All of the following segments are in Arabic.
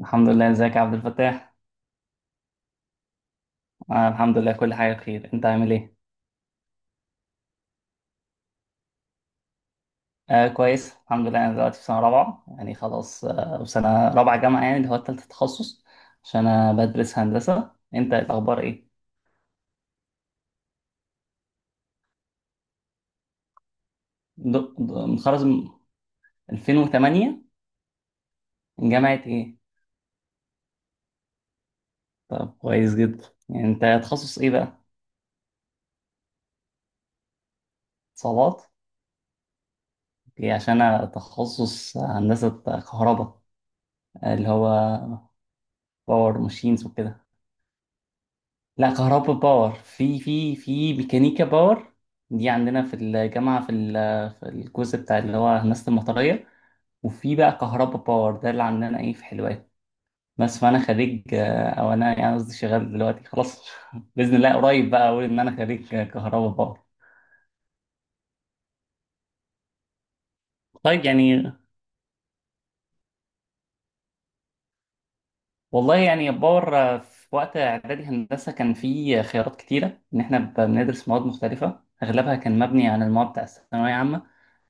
الحمد لله، ازيك يا عبد الفتاح؟ آه، الحمد لله كل حاجه بخير، انت عامل ايه؟ آه كويس الحمد لله. انا دلوقتي في سنه رابعه، يعني خلاص آه سنه رابعه جامعه، يعني اللي هو التالت تخصص، عشان انا بدرس هندسه. انت الاخبار ايه؟ د- متخرج من 2008؟ من جامعه ايه؟ طب كويس جدا. يعني انت تخصص ايه بقى؟ اتصالات، اوكي. عشان انا تخصص هندسه كهرباء. اللي هو باور ماشينز وكده. لا كهرباء باور، في ميكانيكا باور دي عندنا في الجامعة في في الجزء بتاع اللي هو هندسة المطرية، وفي بقى كهرباء باور ده اللي عندنا ايه في حلوان. بس فأنا خريج أو أنا يعني قصدي شغال دلوقتي خلاص بإذن الله قريب بقى أقول إن أنا خريج كهرباء باور. طيب يعني، والله يعني باور، في وقت إعدادي هندسة كان في خيارات كتيرة إن إحنا بندرس مواد مختلفة أغلبها كان مبني على المواد بتاع الثانوية عامة،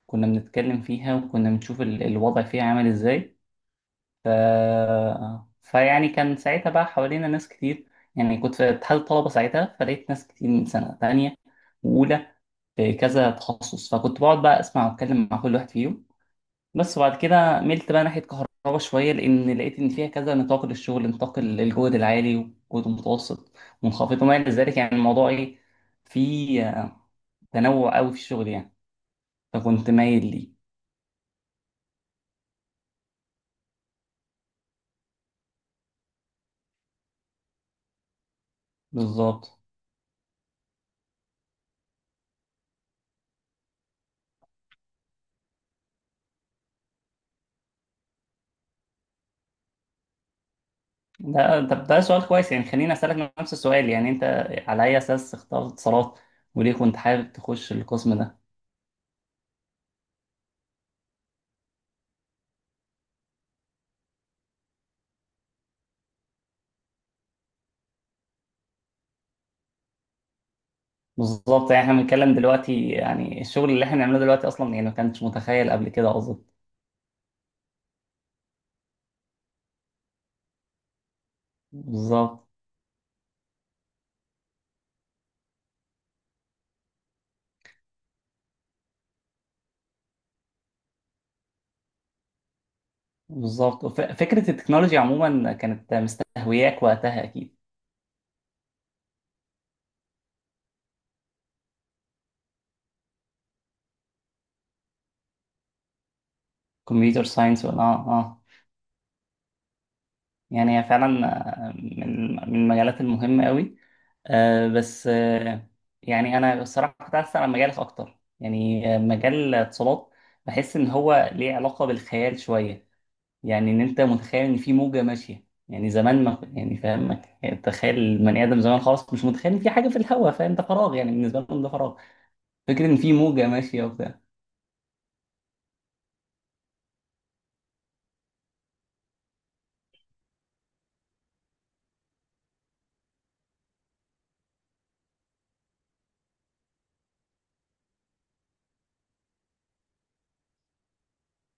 كنا بنتكلم فيها وكنا بنشوف الوضع فيها عامل ازاي. ف... فيعني كان ساعتها بقى حوالينا ناس كتير، يعني كنت في اتحاد الطلبة ساعتها فلقيت ناس كتير من سنة تانية وأولى في كذا تخصص، فكنت بقعد بقى أسمع وأتكلم مع كل واحد فيهم بس. وبعد كده ملت بقى ناحية كهرباء شوية لأن لقيت إن فيها كذا نطاق للشغل، نطاق الجهد العالي والجهد المتوسط منخفض وما إلى ذلك، يعني الموضوع إيه فيه تنوع قوي في الشغل، يعني فكنت مايل ليه. بالظبط. ده طب ده سؤال كويس، يعني خليني اسالك نفس السؤال، يعني انت على اي اساس اخترت اتصالات وليه كنت حابب تخش القسم ده؟ بالظبط، يعني احنا بنتكلم دلوقتي، يعني الشغل اللي احنا بنعمله دلوقتي اصلا يعني ما كانش متخيل قبل كده اظن. بالظبط بالظبط. فكره التكنولوجيا عموما كانت مستهوياك وقتها اكيد. كمبيوتر ساينس ولا اه اه. يعني هي فعلا، من من المجالات المهمة قوي. آه، بس آه، يعني أنا الصراحة كنت عايز أسأل عن مجالك أكتر، يعني مجال الاتصالات بحس إن هو ليه علاقة بالخيال شوية. يعني إن أنت متخيل إن في موجة ماشية، يعني زمان ما يعني فاهم يعني تخيل البني آدم زمان خالص مش متخيل إن في حاجة في الهواء، فاهم؟ ده فراغ، يعني بالنسبة لهم ده فراغ. فكرة إن في موجة ماشية وبتاع.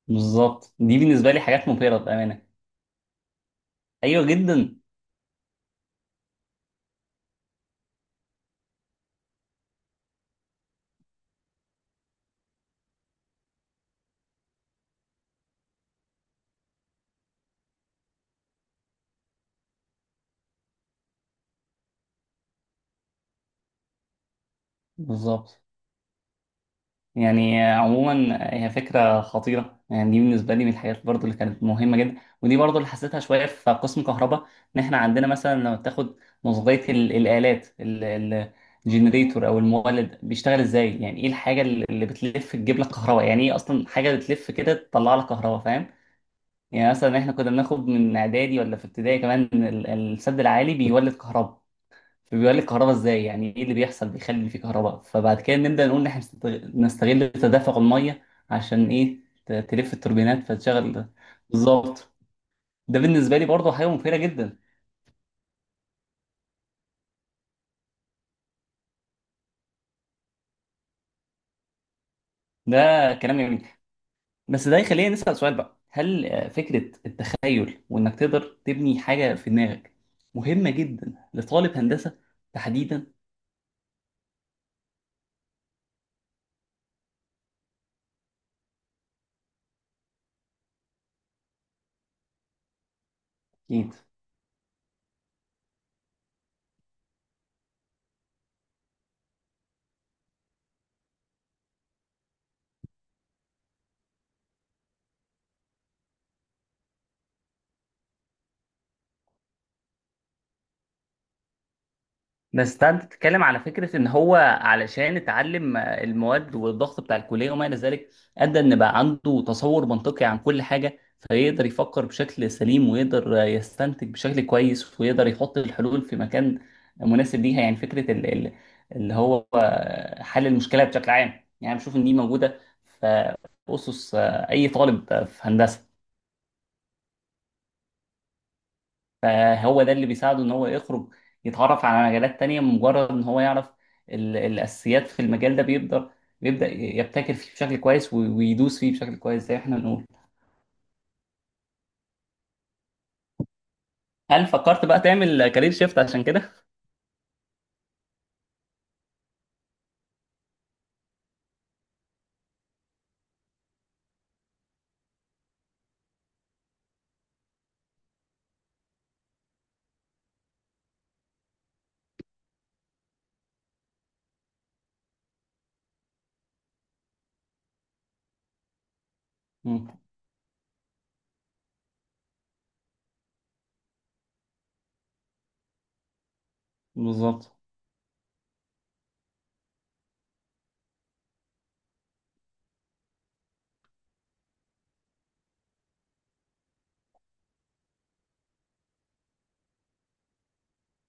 بالظبط، دي بالنسبة لي حاجات مبهرة بأمانة. أيوه جدا. بالظبط، يعني عموما هي فكرة خطيرة، يعني دي بالنسبة لي من الحاجات برضو اللي كانت مهمة جدا، ودي برضو اللي حسيتها شوية في قسم كهرباء. إن إحنا عندنا مثلا لما بتاخد نظرية الآلات، الجنريتور أو المولد بيشتغل إزاي، يعني إيه الحاجة اللي بتلف تجيب لك كهرباء، يعني إيه أصلا حاجة بتلف كده تطلع لك كهرباء، فاهم؟ يعني مثلا إحنا كنا بناخد من إعدادي ولا في ابتدائي كمان إن السد العالي بيولد كهرباء، فبيقول لك كهرباء ازاي، يعني ايه اللي بيحصل بيخلي في كهرباء؟ فبعد كده نبدا نقول ان احنا نستغل تدفق الميه عشان ايه؟ تلف التوربينات فتشغل ده. بالظبط، ده بالنسبه لي برضه حاجه مبهره جدا. ده كلام جميل. بس ده يخلينا نسال سؤال بقى، هل فكره التخيل وانك تقدر تبني حاجه في دماغك مهمه جدا لطالب هندسه تحديدا؟ اكيد. بس ده انت بتتكلم على فكره ان هو علشان اتعلم المواد والضغط بتاع الكليه وما الى ذلك، ادى ان بقى عنده تصور منطقي عن كل حاجه، فيقدر يفكر بشكل سليم ويقدر يستنتج بشكل كويس ويقدر يحط الحلول في مكان مناسب ليها. يعني فكره ال- ال- اللي هو آه، حل المشكله بشكل عام، يعني بشوف ان دي موجوده في اسس اي طالب في هندسه. فهو ده اللي بيساعده ان هو يخرج يتعرف على مجالات تانية. مجرد ان هو يعرف الاساسيات في المجال ده بيقدر بيبدأ يبتكر فيه بشكل كويس ويدوس فيه بشكل كويس زي احنا بنقول. هل فكرت بقى تعمل كارير شيفت عشان كده؟ مم، بالظبط.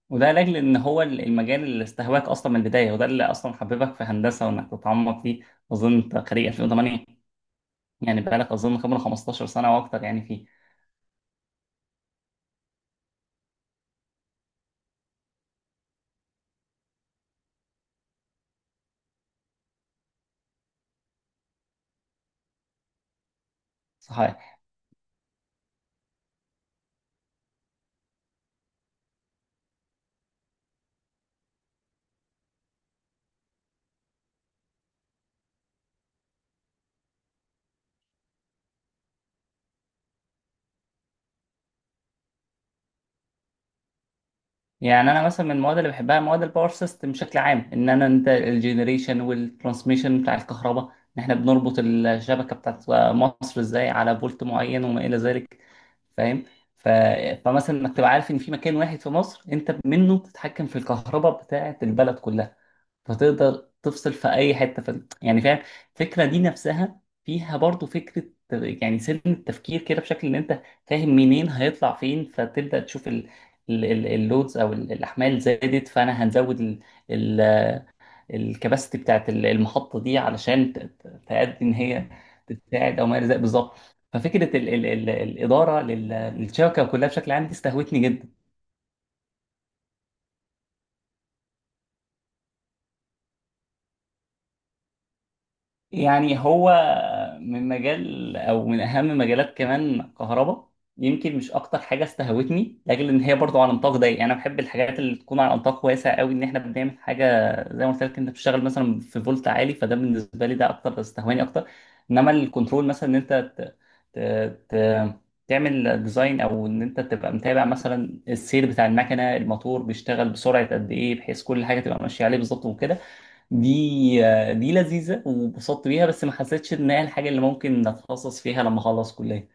وده لاجل ان هو المجال اللي استهواك اصلا من البدايه، وده اللي اصلا حببك في هندسه وانك تتعمق فيه. اظن انت خريج 2008، يعني بقالك اظن خبره 15 سنه واكتر يعني فيه. صح. يعني انا مثلا من المواد اللي بحبها مواد الباور سيستم بشكل عام، ان انا انت الجنريشن والترانسميشن بتاع الكهرباء، ان احنا بنربط الشبكه بتاعت مصر ازاي على فولت معين وما الى ذلك، فاهم؟ ف... فمثلا انك تبقى عارف ان في مكان واحد في مصر انت منه بتتحكم في الكهرباء بتاعت البلد كلها، فتقدر تفصل في اي حته في يعني فاهم. الفكره دي نفسها فيها برضو فكره، يعني سن التفكير كده بشكل ان انت فاهم منين هيطلع فين، فتبدا تشوف اللودز او الاحمال زادت فانا هنزود ال- الكباستي بتاعت المحطه دي علشان تأدي ان هي تساعد او ما الى ذلك، بالظبط. ففكره ال ال ال الاداره للشبكه كلها بشكل عام دي استهوتني جدا. يعني هو من مجال او من اهم مجالات كمان كهرباء، يمكن مش اكتر حاجه استهوتني لاجل ان هي برضو على نطاق ضيق. يعني انا بحب الحاجات اللي تكون على نطاق واسع قوي، ان احنا بنعمل حاجه زي ما قلت لك انت بتشتغل مثلا في فولت عالي، فده بالنسبه لي ده اكتر استهواني اكتر. انما الكنترول مثلا ان انت ت... ت... تعمل ديزاين او ان انت تبقى متابع مثلا السير بتاع المكنه، الموتور بيشتغل بسرعه قد ايه بحيث كل حاجه تبقى ماشيه عليه بالظبط وكده، دي دي لذيذة وانبسطت بيها، بس ما حسيتش ان هي الحاجة اللي ممكن اتخصص فيها لما اخلص كلية.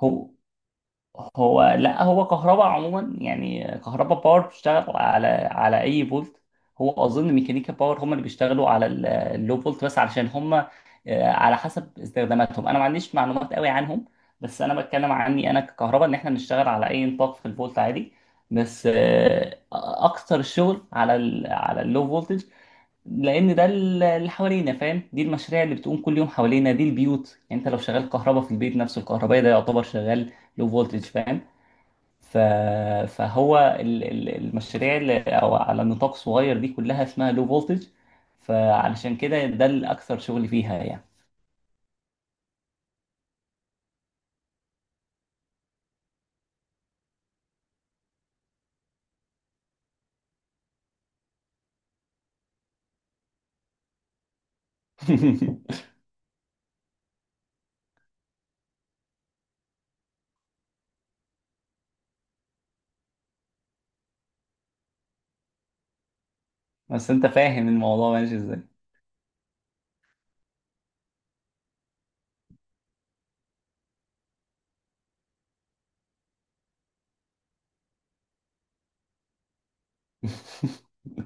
هو هو لا هو كهرباء عموما، يعني كهرباء باور بتشتغل على على اي فولت. هو اظن ميكانيكا باور هم اللي بيشتغلوا على اللو فولت بس، علشان هم على حسب استخداماتهم انا ما عنديش معلومات قوي عنهم. بس انا بتكلم عني انا ككهرباء، ان احنا بنشتغل على اي نطاق في الفولت عادي، بس اكتر الشغل على ال على اللو فولتج، لان ده اللي حوالينا، فاهم؟ دي المشاريع اللي بتقوم كل يوم حوالينا، دي البيوت. يعني انت لو شغال كهرباء في البيت نفسه، الكهربائي ده يعتبر شغال لو فولتج، فاهم؟ ف... فهو المشاريع اللي او على نطاق صغير دي كلها اسمها لو فولتج، فعلشان كده ده الاكثر شغل فيها يعني. بس انت فاهم الموضوع ماشي ازاي.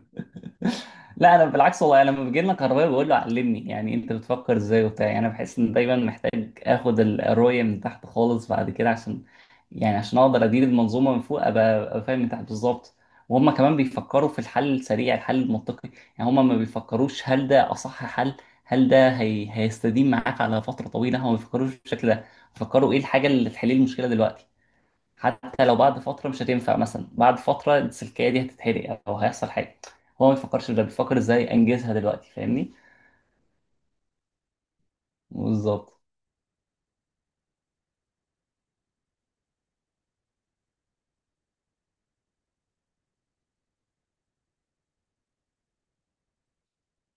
لا انا بالعكس، والله أنا لما بيجي لنا كهربائي بقول له علمني، يعني انت بتفكر ازاي وبتاع. يعني انا بحس ان دايما محتاج اخد الرؤيه من تحت خالص بعد كده، عشان يعني عشان اقدر ادير المنظومه من فوق ابقى فاهم من تحت بالظبط. وهم كمان بيفكروا في الحل السريع، الحل المنطقي. يعني هم ما بيفكروش هل ده اصح حل، هل ده هيستديم معاك على فتره طويله، هم ما بيفكروش بالشكل ده. بيفكروا ايه الحاجه اللي تحل لي المشكله دلوقتي، حتى لو بعد فترة مش هتنفع، مثلا بعد فترة السلكية دي هتتحرق أو هيحصل حاجة، هو ما بيفكرش في ده، بيفكر إزاي أنجزها دلوقتي، فاهمني؟ بالظبط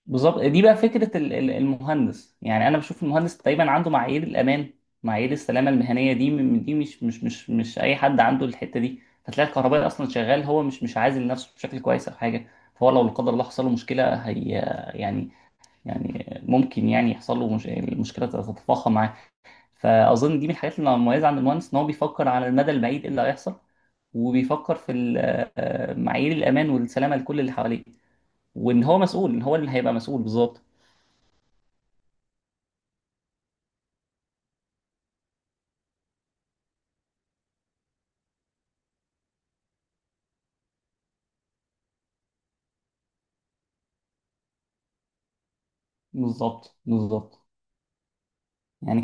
بالظبط. دي بقى فكرة المهندس، يعني أنا بشوف المهندس دايما عنده معايير الأمان، معايير السلامة المهنية. دي دي مش أي حد عنده الحتة دي، فتلاقي الكهربائي أصلا شغال هو مش عازل نفسه بشكل كويس أو حاجة، فهو لو لا قدر الله حصل له مشكلة هي يعني، يعني ممكن يعني يحصل له مش... المشكلة تتفاقم معاه. فاظن دي من الحاجات اللي مميزه عند المهندس، ان هو بيفكر على المدى البعيد ايه اللي هيحصل، وبيفكر في معايير الامان والسلامه لكل اللي حواليه، وان هو مسؤول، ان هو اللي هيبقى مسؤول بالظبط. بالظبط بالظبط يعني.